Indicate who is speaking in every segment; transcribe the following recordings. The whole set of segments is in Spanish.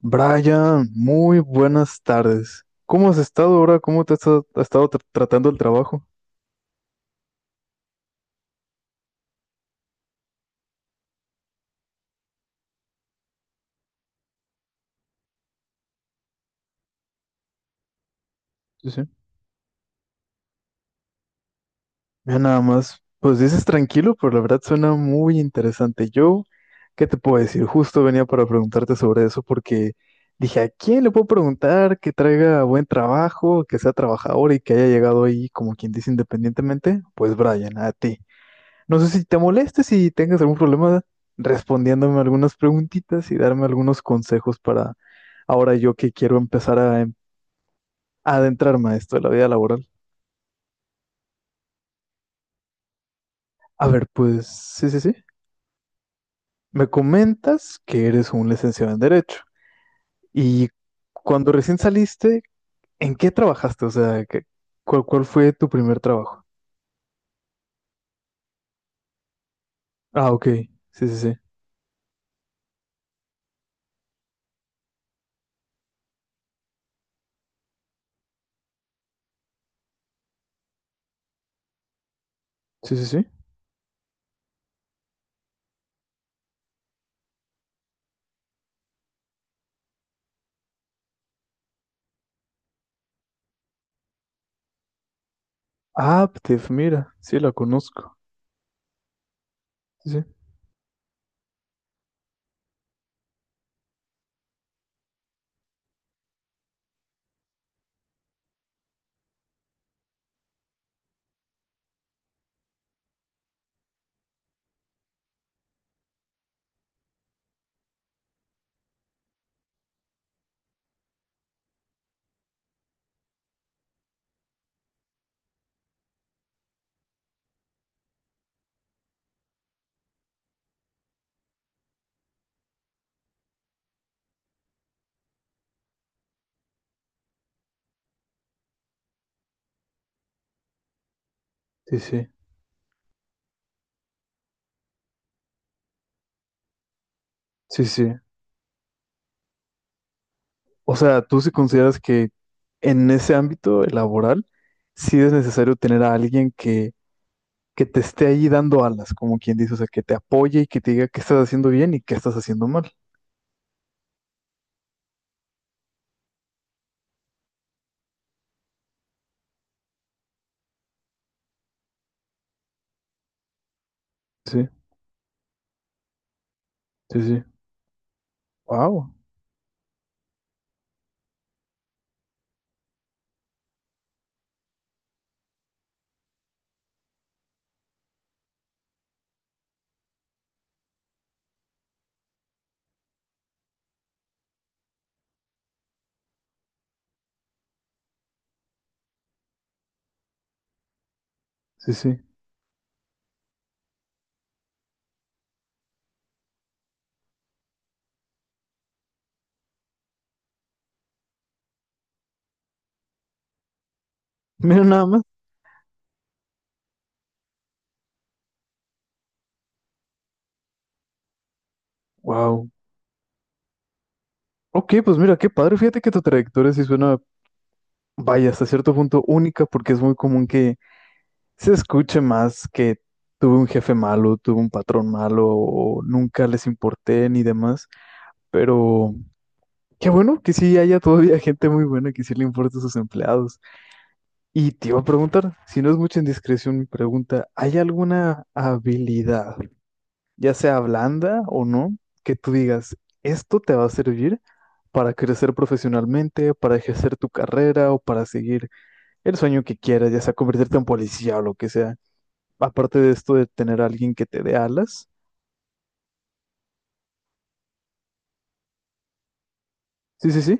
Speaker 1: Brian, muy buenas tardes. ¿Cómo has estado ahora? ¿Cómo te has estado, ha estado tratando el trabajo? Sí, sí. Mira, nada más, pues dices tranquilo, pero la verdad suena muy interesante. Yo, ¿qué te puedo decir? Justo venía para preguntarte sobre eso porque dije, ¿a quién le puedo preguntar que traiga buen trabajo, que sea trabajador y que haya llegado ahí, como quien dice, independientemente? Pues Brian, a ti. No sé si te molestes si tengas algún problema respondiéndome algunas preguntitas y darme algunos consejos ahora yo que quiero empezar a, a adentrarme a esto de la vida laboral. A ver, pues sí, sí, sí. Me comentas que eres un licenciado en Derecho y cuando recién saliste, ¿en qué trabajaste? O sea, cuál, cuál fue tu primer trabajo? Ah, ok. Sí, sí, sí. Sí, sí, sí. Aptiv, mira, sí, la conozco. Sí, sí, sí, sí, sí. Sí. O sea, ¿tú sí consideras que en ese ámbito laboral sí es necesario tener a alguien que te esté ahí dando alas, como quien dice, o sea, que te apoye y que te diga qué estás haciendo bien y qué estás haciendo mal? Sí, sí, sí. Wow. Sí, sí. Mira nada más. Wow. Ok, pues mira, qué padre. Fíjate que tu trayectoria sí suena, vaya, hasta cierto punto única, porque es muy común que se escuche más que tuve un jefe malo, tuve un patrón malo, o nunca les importé ni demás. Pero qué bueno que sí haya todavía gente muy buena que sí le importa a sus empleados. Y te iba a preguntar, si no es mucha indiscreción mi pregunta, ¿hay alguna habilidad, ya sea blanda o no, que tú digas, esto te va a servir para crecer profesionalmente, para ejercer tu carrera o para seguir el sueño que quieras, ya sea convertirte en policía o lo que sea? Aparte de esto de tener a alguien que te dé alas. Sí, sí, sí.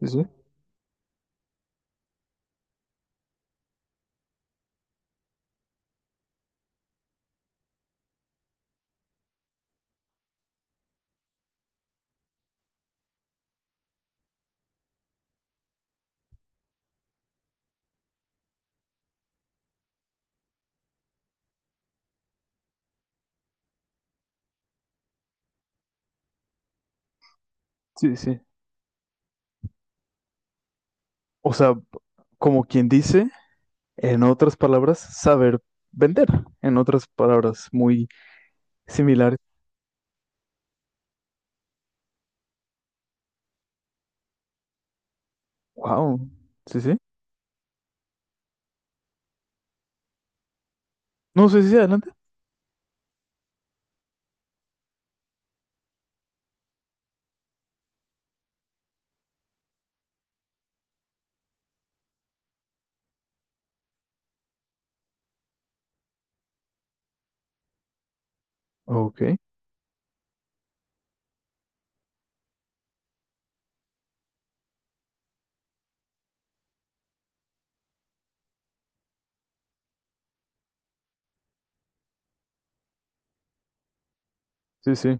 Speaker 1: Sí, sí. Sí, sí. O sea, como quien dice, en otras palabras, saber vender. En otras palabras, muy similar. Wow. Sí, sí. No sé si sí, adelante. Ok, sí, sí,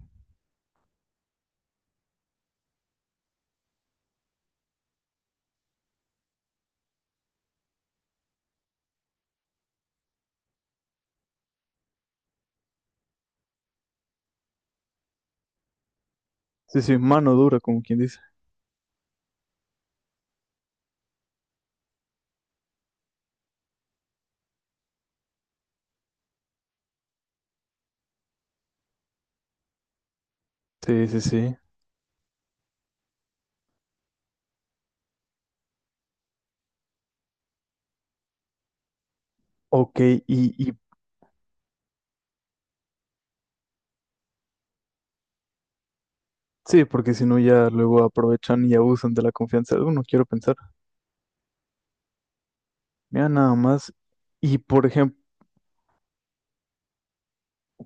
Speaker 1: sí, sí, mano dura, como quien dice. Sí, sí, sí. Ok. Y sí, porque si no ya luego aprovechan y abusan de la confianza de uno, quiero pensar. Mira, nada más. Y por ejemplo,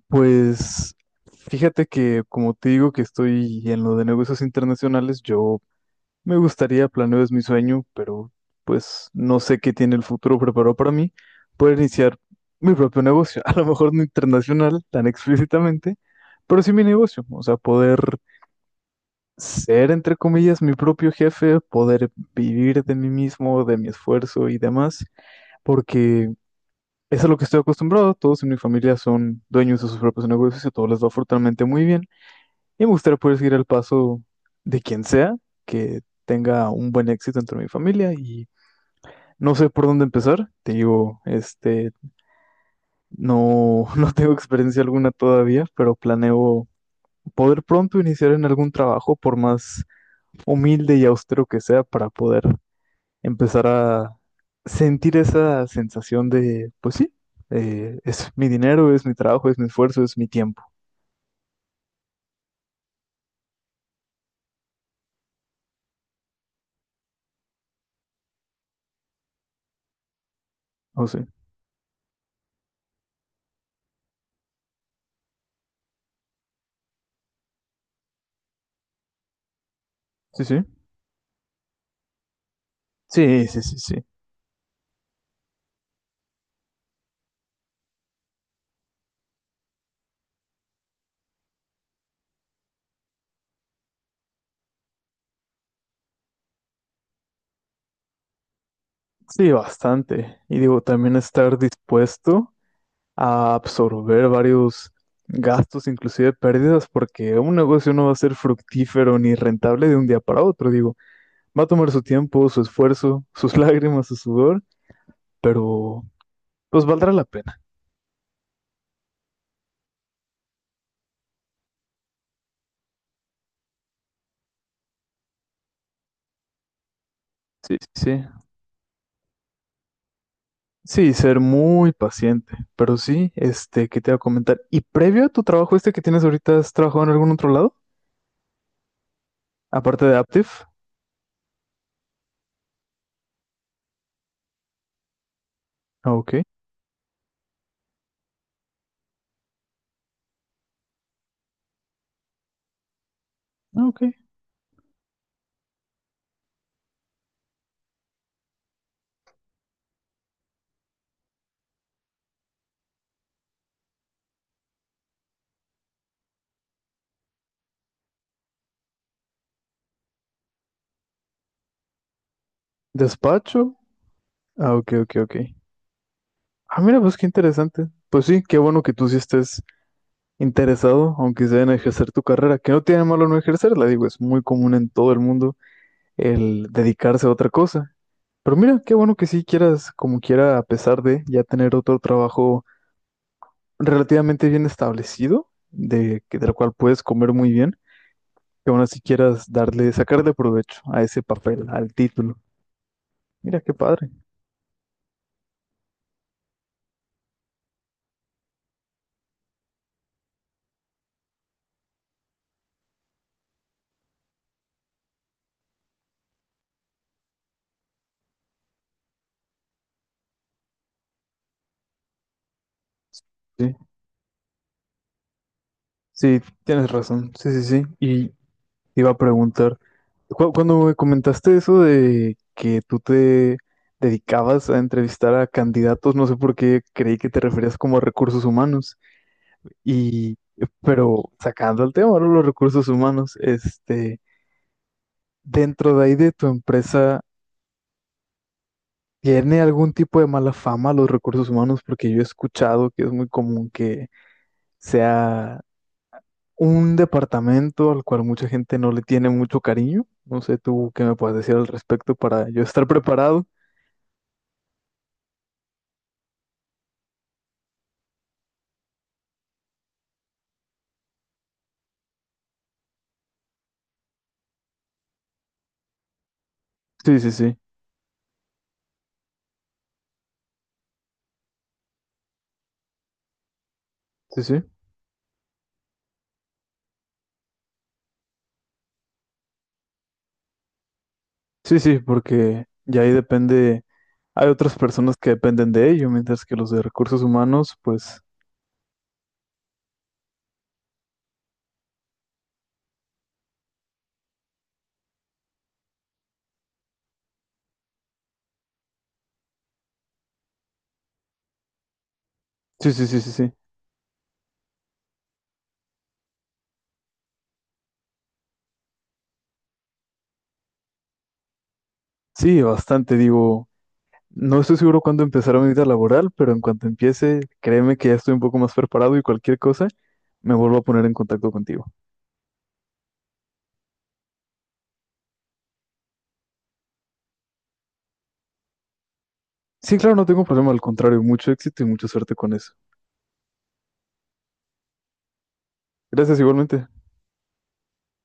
Speaker 1: pues fíjate que como te digo que estoy en lo de negocios internacionales, yo me gustaría, planeo, es mi sueño, pero pues no sé qué tiene el futuro preparado para mí. Poder iniciar mi propio negocio, a lo mejor no internacional tan explícitamente, pero sí mi negocio. O sea, poder ser, entre comillas, mi propio jefe, poder vivir de mí mismo, de mi esfuerzo y demás, porque eso es a lo que estoy acostumbrado. Todos en mi familia son dueños de sus propios negocios y todo les va afortunadamente muy bien. Y me gustaría poder seguir el paso de quien sea, que tenga un buen éxito dentro de mi familia, y no sé por dónde empezar. Te digo, este, no, no tengo experiencia alguna todavía, pero planeo poder pronto iniciar en algún trabajo, por más humilde y austero que sea, para poder empezar a sentir esa sensación de, pues sí, es mi dinero, es mi trabajo, es mi esfuerzo, es mi tiempo. O sea, sí, sí. Sí, sí, sí, sí. Sí, bastante. Y digo, también estar dispuesto a absorber varios gastos, inclusive pérdidas, porque un negocio no va a ser fructífero ni rentable de un día para otro. Digo, va a tomar su tiempo, su esfuerzo, sus lágrimas, su sudor, pero pues valdrá la pena. Sí, sí. Sí, ser muy paciente. Pero sí, este, ¿qué te iba a comentar? ¿Y previo a tu trabajo este que tienes ahorita, has trabajado en algún otro lado? Aparte de Aptiv. Ah, ok. Ah, ok. Despacho. Ah, ok, ok, ok. Ah, mira, pues qué interesante. Pues sí, qué bueno que tú sí estés interesado, aunque sea en ejercer tu carrera, que no tiene malo no ejercerla, digo, es muy común en todo el mundo el dedicarse a otra cosa. Pero mira, qué bueno que sí quieras, como quiera, a pesar de ya tener otro trabajo relativamente bien establecido, de, del cual puedes comer muy bien, que aún así quieras darle, sacarle provecho a ese papel, al título. Mira, qué padre. Sí, sí, tienes razón. Sí, sí, sí. Y te iba a preguntar, cuando me comentaste eso de que tú te dedicabas a entrevistar a candidatos, no sé por qué creí que te referías como a recursos humanos. Y, pero sacando el tema, ahora los recursos humanos, este, dentro de ahí de tu empresa, ¿tiene algún tipo de mala fama los recursos humanos? Porque yo he escuchado que es muy común que sea un departamento al cual mucha gente no le tiene mucho cariño. No sé tú qué me puedes decir al respecto para yo estar preparado. Sí, sí, sí, sí, sí. Sí, sí, porque ya ahí depende, hay otras personas que dependen de ello, mientras que los de recursos humanos, pues, sí, sí, sí, sí, sí. Sí, bastante, digo, no estoy seguro cuándo empezará mi vida laboral, pero en cuanto empiece, créeme que ya estoy un poco más preparado y cualquier cosa, me vuelvo a poner en contacto contigo. Sí, claro, no tengo problema, al contrario, mucho éxito y mucha suerte con eso. Gracias igualmente.